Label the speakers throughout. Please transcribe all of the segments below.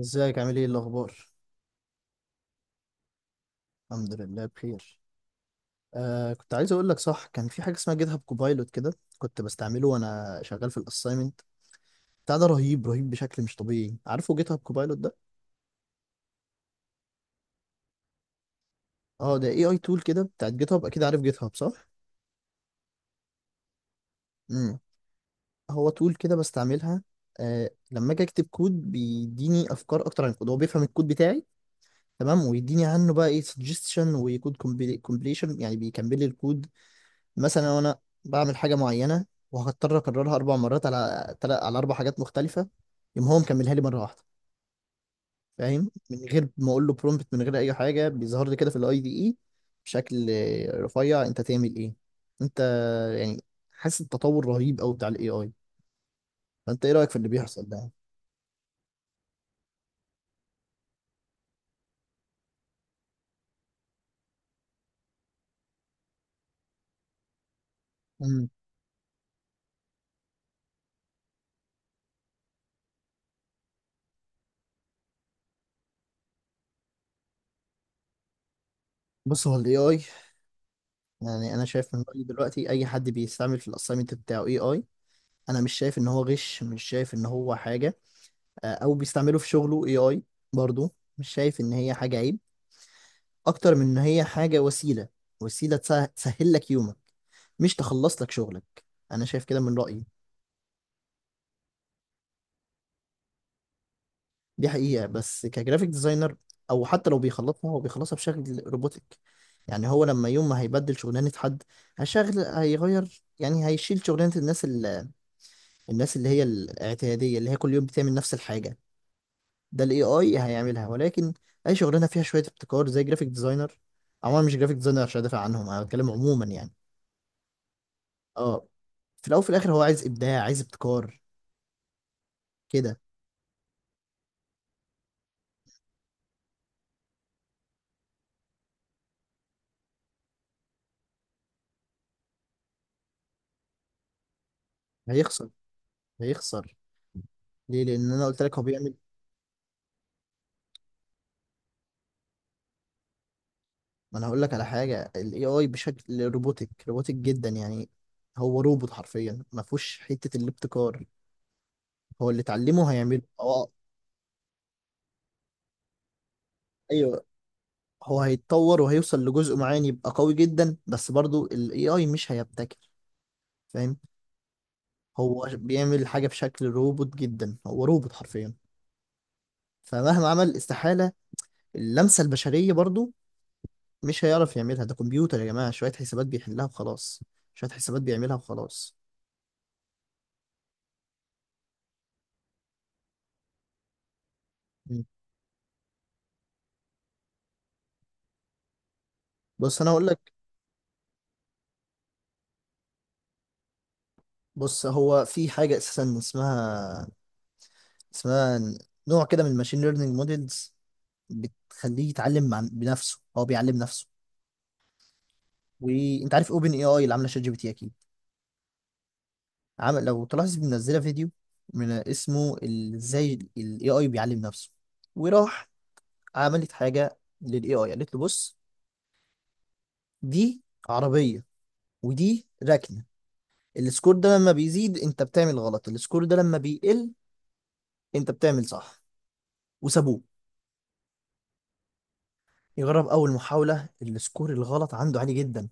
Speaker 1: ازيك؟ عامل ايه؟ إيه الاخبار؟ الحمد لله بخير. كنت عايز اقول لك، صح، كان في حاجه اسمها جيت هاب كوبايلوت كده. كنت بستعمله وانا شغال في الاساينمنت بتاع ده. رهيب، رهيب بشكل مش طبيعي. عارفه جيت هاب كوبايلوت ده؟ اه، ده اي اي تول كده بتاعت جيت هاب. اكيد عارف جيت هاب، صح؟ امم. هو تول كده بستعملها. لما اجي اكتب كود بيديني افكار اكتر عن الكود، هو بيفهم الكود بتاعي. تمام، ويديني عنه بقى ايه سجستشن وكود كومبليشن، يعني بيكمل لي الكود. مثلا لو انا بعمل حاجه معينه وهضطر اكررها اربع مرات على على اربع حاجات مختلفه، يقوم هو مكملها لي مره واحده. فاهم؟ من غير ما اقول له برومبت، من غير اي حاجه، بيظهر لي كده في الاي دي اي بشكل رفيع. انت تعمل ايه انت؟ يعني حاسس التطور رهيب قوي بتاع الاي اي. فانت ايه رايك في اللي بيحصل ده؟ امم. بص، هو الاي اي، يعني انا شايف من رايي دلوقتي، اي حد بيستعمل في الاساينمنت بتاعه اي اي، انا مش شايف ان هو غش، مش شايف ان هو حاجه. او بيستعملوا في شغله اي اي، برضو مش شايف ان هي حاجة عيب، اكتر من ان هي حاجة وسيلة. وسيلة تسهل لك يومك، مش تخلص لك شغلك. انا شايف كده من رأيي. دي حقيقة، بس كجرافيك ديزاينر، او حتى لو بيخلطها، هو بيخلصها بشكل روبوتك. يعني هو لما يوم ما هيبدل شغلانة حد، هيغير، يعني هيشيل شغلانة الناس الناس اللي هي الاعتيادية اللي هي كل يوم بتعمل نفس الحاجة، ده الاي اي هيعملها. ولكن اي شغلانه فيها شويه ابتكار زي جرافيك ديزاينر، عموما مش جرافيك ديزاينر عشان ادافع عنهم، انا بتكلم عموما يعني. اه، في الاول وفي الاخر هو عايز ابداع، عايز ابتكار كده. هيخسر، هيخسر. ليه؟ لان انا قلت لك هو بيعمل. ما انا هقول لك على حاجه، الاي اي بشكل روبوتك، روبوتك جدا يعني. هو روبوت حرفيا، ما فيهوش حته الابتكار، هو اللي اتعلمه هيعمله. اه، ايوه. هو هيتطور وهيوصل لجزء معين يبقى قوي جدا، بس برضو الاي اي مش هيبتكر. فاهم؟ هو بيعمل حاجة في شكل روبوت جدا، هو روبوت حرفيا، فمهما عمل، استحالة اللمسة البشرية برضو مش هيعرف يعملها. ده كمبيوتر يا جماعة، شوية حسابات بيحلها وخلاص، شوية حسابات بيعملها وخلاص. مم. بص، أنا هقول لك. بص، هو في حاجة أساسا اسمها، اسمها نوع كده من الماشين ليرنينج موديلز، بتخليه يتعلم مع بنفسه، هو بيعلم نفسه. وانت عارف اوبن اي اي اللي عامله شات جي بي تي اكيد، عمل، لو تلاحظ، منزله فيديو من اسمه ازاي الاي اي بيعلم نفسه. وراح عملت حاجه للاي اي، قالت له بص، دي عربيه ودي ركنه، السكور ده لما بيزيد انت بتعمل غلط، السكور ده لما بيقل انت بتعمل صح. وسابوه يجرب. اول محاوله السكور الغلط عنده عالي جدا،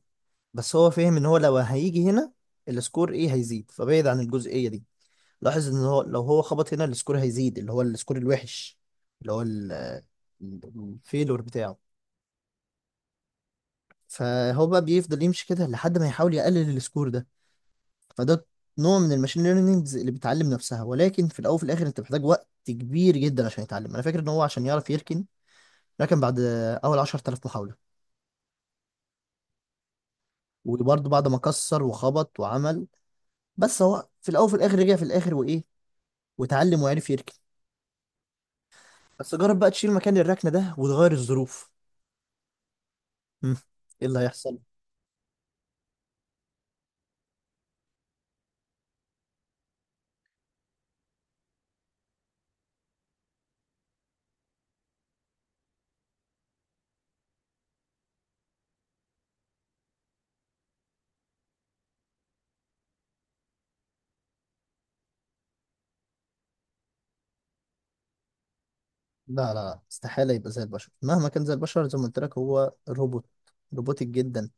Speaker 1: بس هو فاهم ان هو لو هيجي هنا السكور ايه هيزيد، فبعد عن الجزئيه دي. لاحظ ان هو لو هو خبط هنا السكور هيزيد، اللي هو السكور الوحش، اللي هو الفيلور بتاعه. فهو بقى بيفضل يمشي كده لحد ما يحاول يقلل السكور ده. فده نوع من الماشين ليرنينجز اللي بتعلم نفسها. ولكن في الاول وفي الاخر، انت محتاج وقت كبير جدا عشان يتعلم. انا فاكر ان هو عشان يعرف يركن، ركن بعد اول 10,000 محاولة، وبرضه بعد ما كسر وخبط وعمل. بس هو في الاول وفي الاخر رجع في الاخر، وايه، وتعلم وعرف يركن. بس جرب بقى تشيل مكان الركنة ده وتغير الظروف. مم. ايه اللي هيحصل؟ لا لا لا، استحالة يبقى زي البشر. مهما كان زي البشر، زي ما قلت لك، هو روبوت، روبوتك جدا.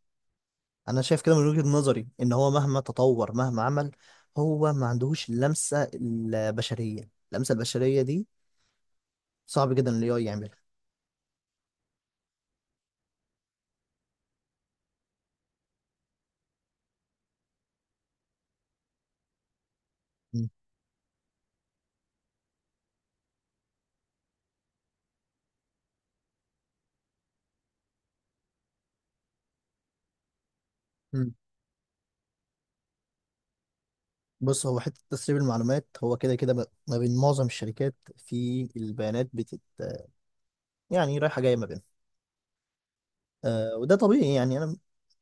Speaker 1: أنا شايف كده من وجهة نظري إن هو مهما تطور مهما عمل، هو ما عندهوش اللمسة البشرية. اللمسة البشرية دي صعب جدا ال AI يعملها. مم. مم. بص، هو حتة تسريب المعلومات، هو كده كده ما بين معظم الشركات في البيانات بتت، يعني رايحة جاية ما بينهم. آه، وده طبيعي يعني. أنا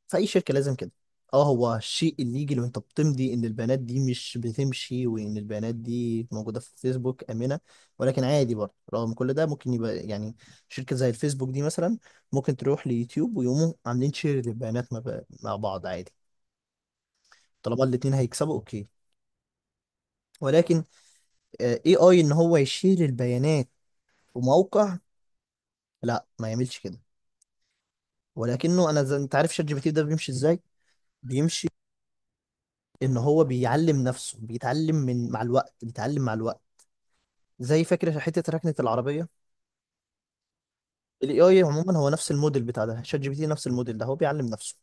Speaker 1: في اي شركه لازم كده. اه، هو الشيء اللي يجي لو انت بتمضي ان البيانات دي مش بتمشي، وان البيانات دي موجوده في فيسبوك امنه. ولكن عادي برضه رغم كل ده ممكن يبقى يعني شركه زي الفيسبوك دي مثلا ممكن تروح ليوتيوب ويقوموا عاملين شير للبيانات مع مع بعض عادي، طالما الاتنين هيكسبوا اوكي. ولكن اي اي ان هو يشير البيانات في موقع، لا، ما يعملش كده. ولكنه انا زي انت عارف شات جي بي تي ده بيمشي ازاي. بيمشي ان هو بيعلم نفسه، بيتعلم من مع الوقت، بيتعلم مع الوقت. زي فكرة حتة ركنة العربية. ال AI عموما هو نفس الموديل بتاع ده، شات جي بي تي نفس الموديل ده هو بيعلم نفسه.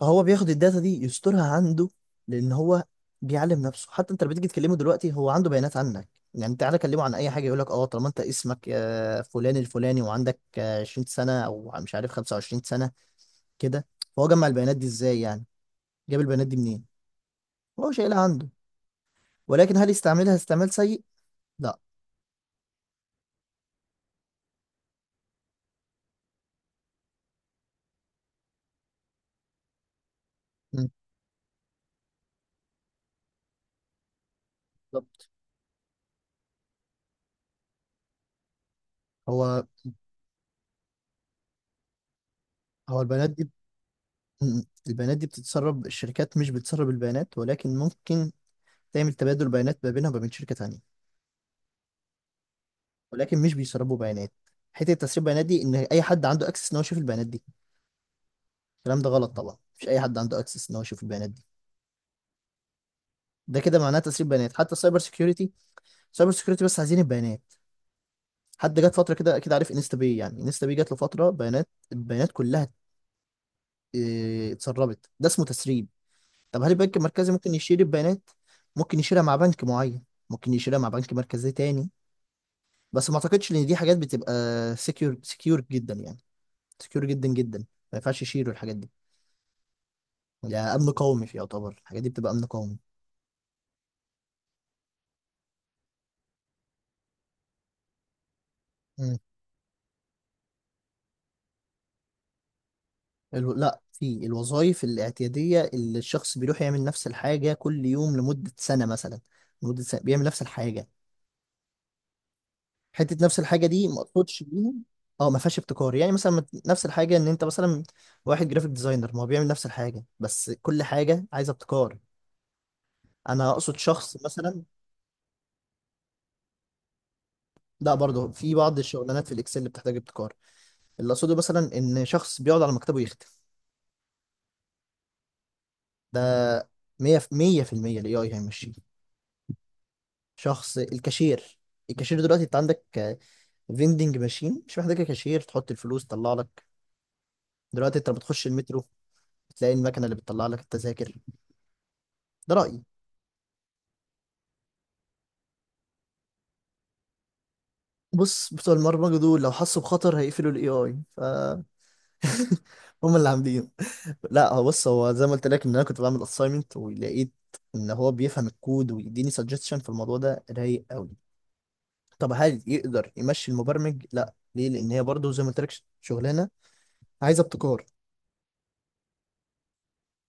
Speaker 1: فهو بياخد الداتا دي يسترها عنده، لأن هو بيعلم نفسه. حتى انت لما تيجي تكلمه دلوقتي هو عنده بيانات عنك. يعني تعالى كلمه عن اي حاجه، يقول لك اه طالما انت اسمك آه، فلان الفلاني، وعندك آه، 20 سنه او مش عارف 25 سنه كده. فهو جمع البيانات دي ازاي يعني؟ جاب البيانات دي منين؟ هو شايلها عنده، ولكن هل يستعملها استعمال سيء؟ لا. مم. بالظبط. هو، البيانات دي، م- البيانات دي بتتسرب، الشركات مش بتسرب البيانات، ولكن ممكن تعمل تبادل بيانات ما بينها وما بين شركة تانية. ولكن مش بيسربوا بيانات. حته تسريب البيانات دي ان اي حد عنده اكسس ان هو يشوف البيانات دي، الكلام ده غلط طبعا، مش اي حد عنده اكسس ان هو يشوف البيانات دي، ده كده معناه تسريب بيانات. حتى السايبر سكيورتي، سايبر سكيورتي بس عايزين البيانات. حد جت فتره كده، اكيد عارف انستا باي، يعني انستا باي جات له فتره بيانات، البيانات كلها اه، اتسربت. ده اسمه تسريب. طب هل البنك المركزي ممكن يشيل البيانات؟ ممكن يشيلها مع بنك معين، ممكن يشيلها مع بنك مركزي تاني، بس ما اعتقدش ان دي حاجات بتبقى سكيور، سكيور جدا يعني، سكيور جدا جدا، ما ينفعش يشيلوا الحاجات دي. ده امن قومي، في يعتبر الحاجات دي بتبقى امن قومي. مم. لا، في الوظائف الاعتياديه اللي الشخص بيروح يعمل نفس الحاجه كل يوم لمده سنه مثلا، لمده سنه بيعمل نفس الحاجه. حته نفس الحاجه دي ما اقصدش بيها. اه ما فيهاش ابتكار، يعني مثلا نفس الحاجه ان انت مثلا واحد جرافيك ديزاينر، ما هو بيعمل نفس الحاجه بس كل حاجه عايزه ابتكار. انا اقصد شخص مثلا. لا، برضه في بعض الشغلانات في الاكسل اللي بتحتاج ابتكار. اللي اقصده مثلا ان شخص بيقعد على مكتبه يختم، ده 100 في 100%، الاي اي هيمشيه. شخص الكاشير، الكاشير دلوقتي انت عندك فيندنج ماشين، مش محتاجه كاشير، تحط الفلوس تطلع لك. دلوقتي انت لما بتخش المترو بتلاقي المكنه اللي بتطلع لك التذاكر. ده رايي. بص، بتوع البرمجه دول لو حسوا بخطر هيقفلوا الاي اي. ف هم اللي عاملين. لا، هو، بص، هو زي ما قلت لك ان انا كنت بعمل اساينمنت ولقيت ان هو بيفهم الكود ويديني سجستشن في الموضوع ده رايق قوي. طب هل يقدر يمشي المبرمج؟ لا، ليه؟ لان هي برضه زي ما قلت لك شغلانه عايزه ابتكار.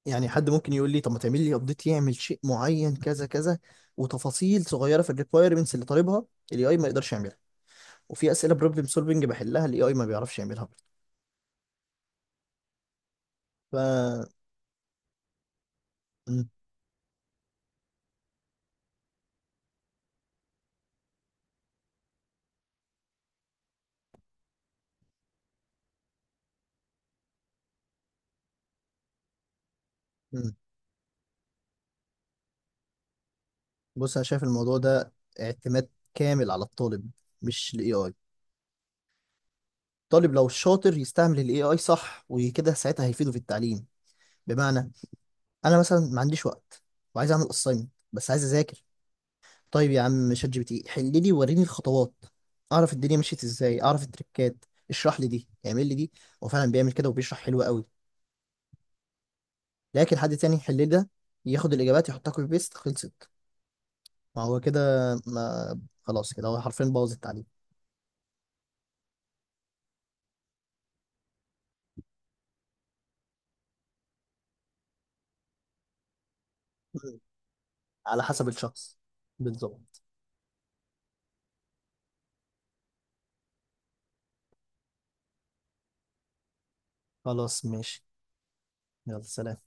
Speaker 1: يعني حد ممكن يقول لي طب ما تعمل لي ابديت يعمل شيء معين كذا كذا وتفاصيل صغيره في الريكويرمنتس اللي طالبها، الاي اي ما يقدرش يعملها. وفي اسئله بروبلم سولفنج بحلها الاي اي ما بيعرفش يعملها برضه. ف م- م. بص، انا شايف الموضوع ده اعتماد كامل على الطالب، مش الاي اي. الطالب لو شاطر يستعمل الاي اي صح وكده، ساعتها هيفيده في التعليم. بمعنى، انا مثلا ما عنديش وقت وعايز اعمل اساينمنت، بس عايز اذاكر، طيب يا عم شات جي بي تي حل لي وريني الخطوات، اعرف الدنيا مشيت ازاي، اعرف التريكات، اشرح لي دي، اعمل لي دي. هو فعلا بيعمل كده وبيشرح حلو قوي. لكن حد تاني يحل لي ده، ياخد الاجابات يحطها كوبي بيست، خلصت. ما هو كده، ما خلاص كده هو حرفيا بوظ التعليم. على حسب الشخص. بالظبط. خلاص ماشي، يلا سلام.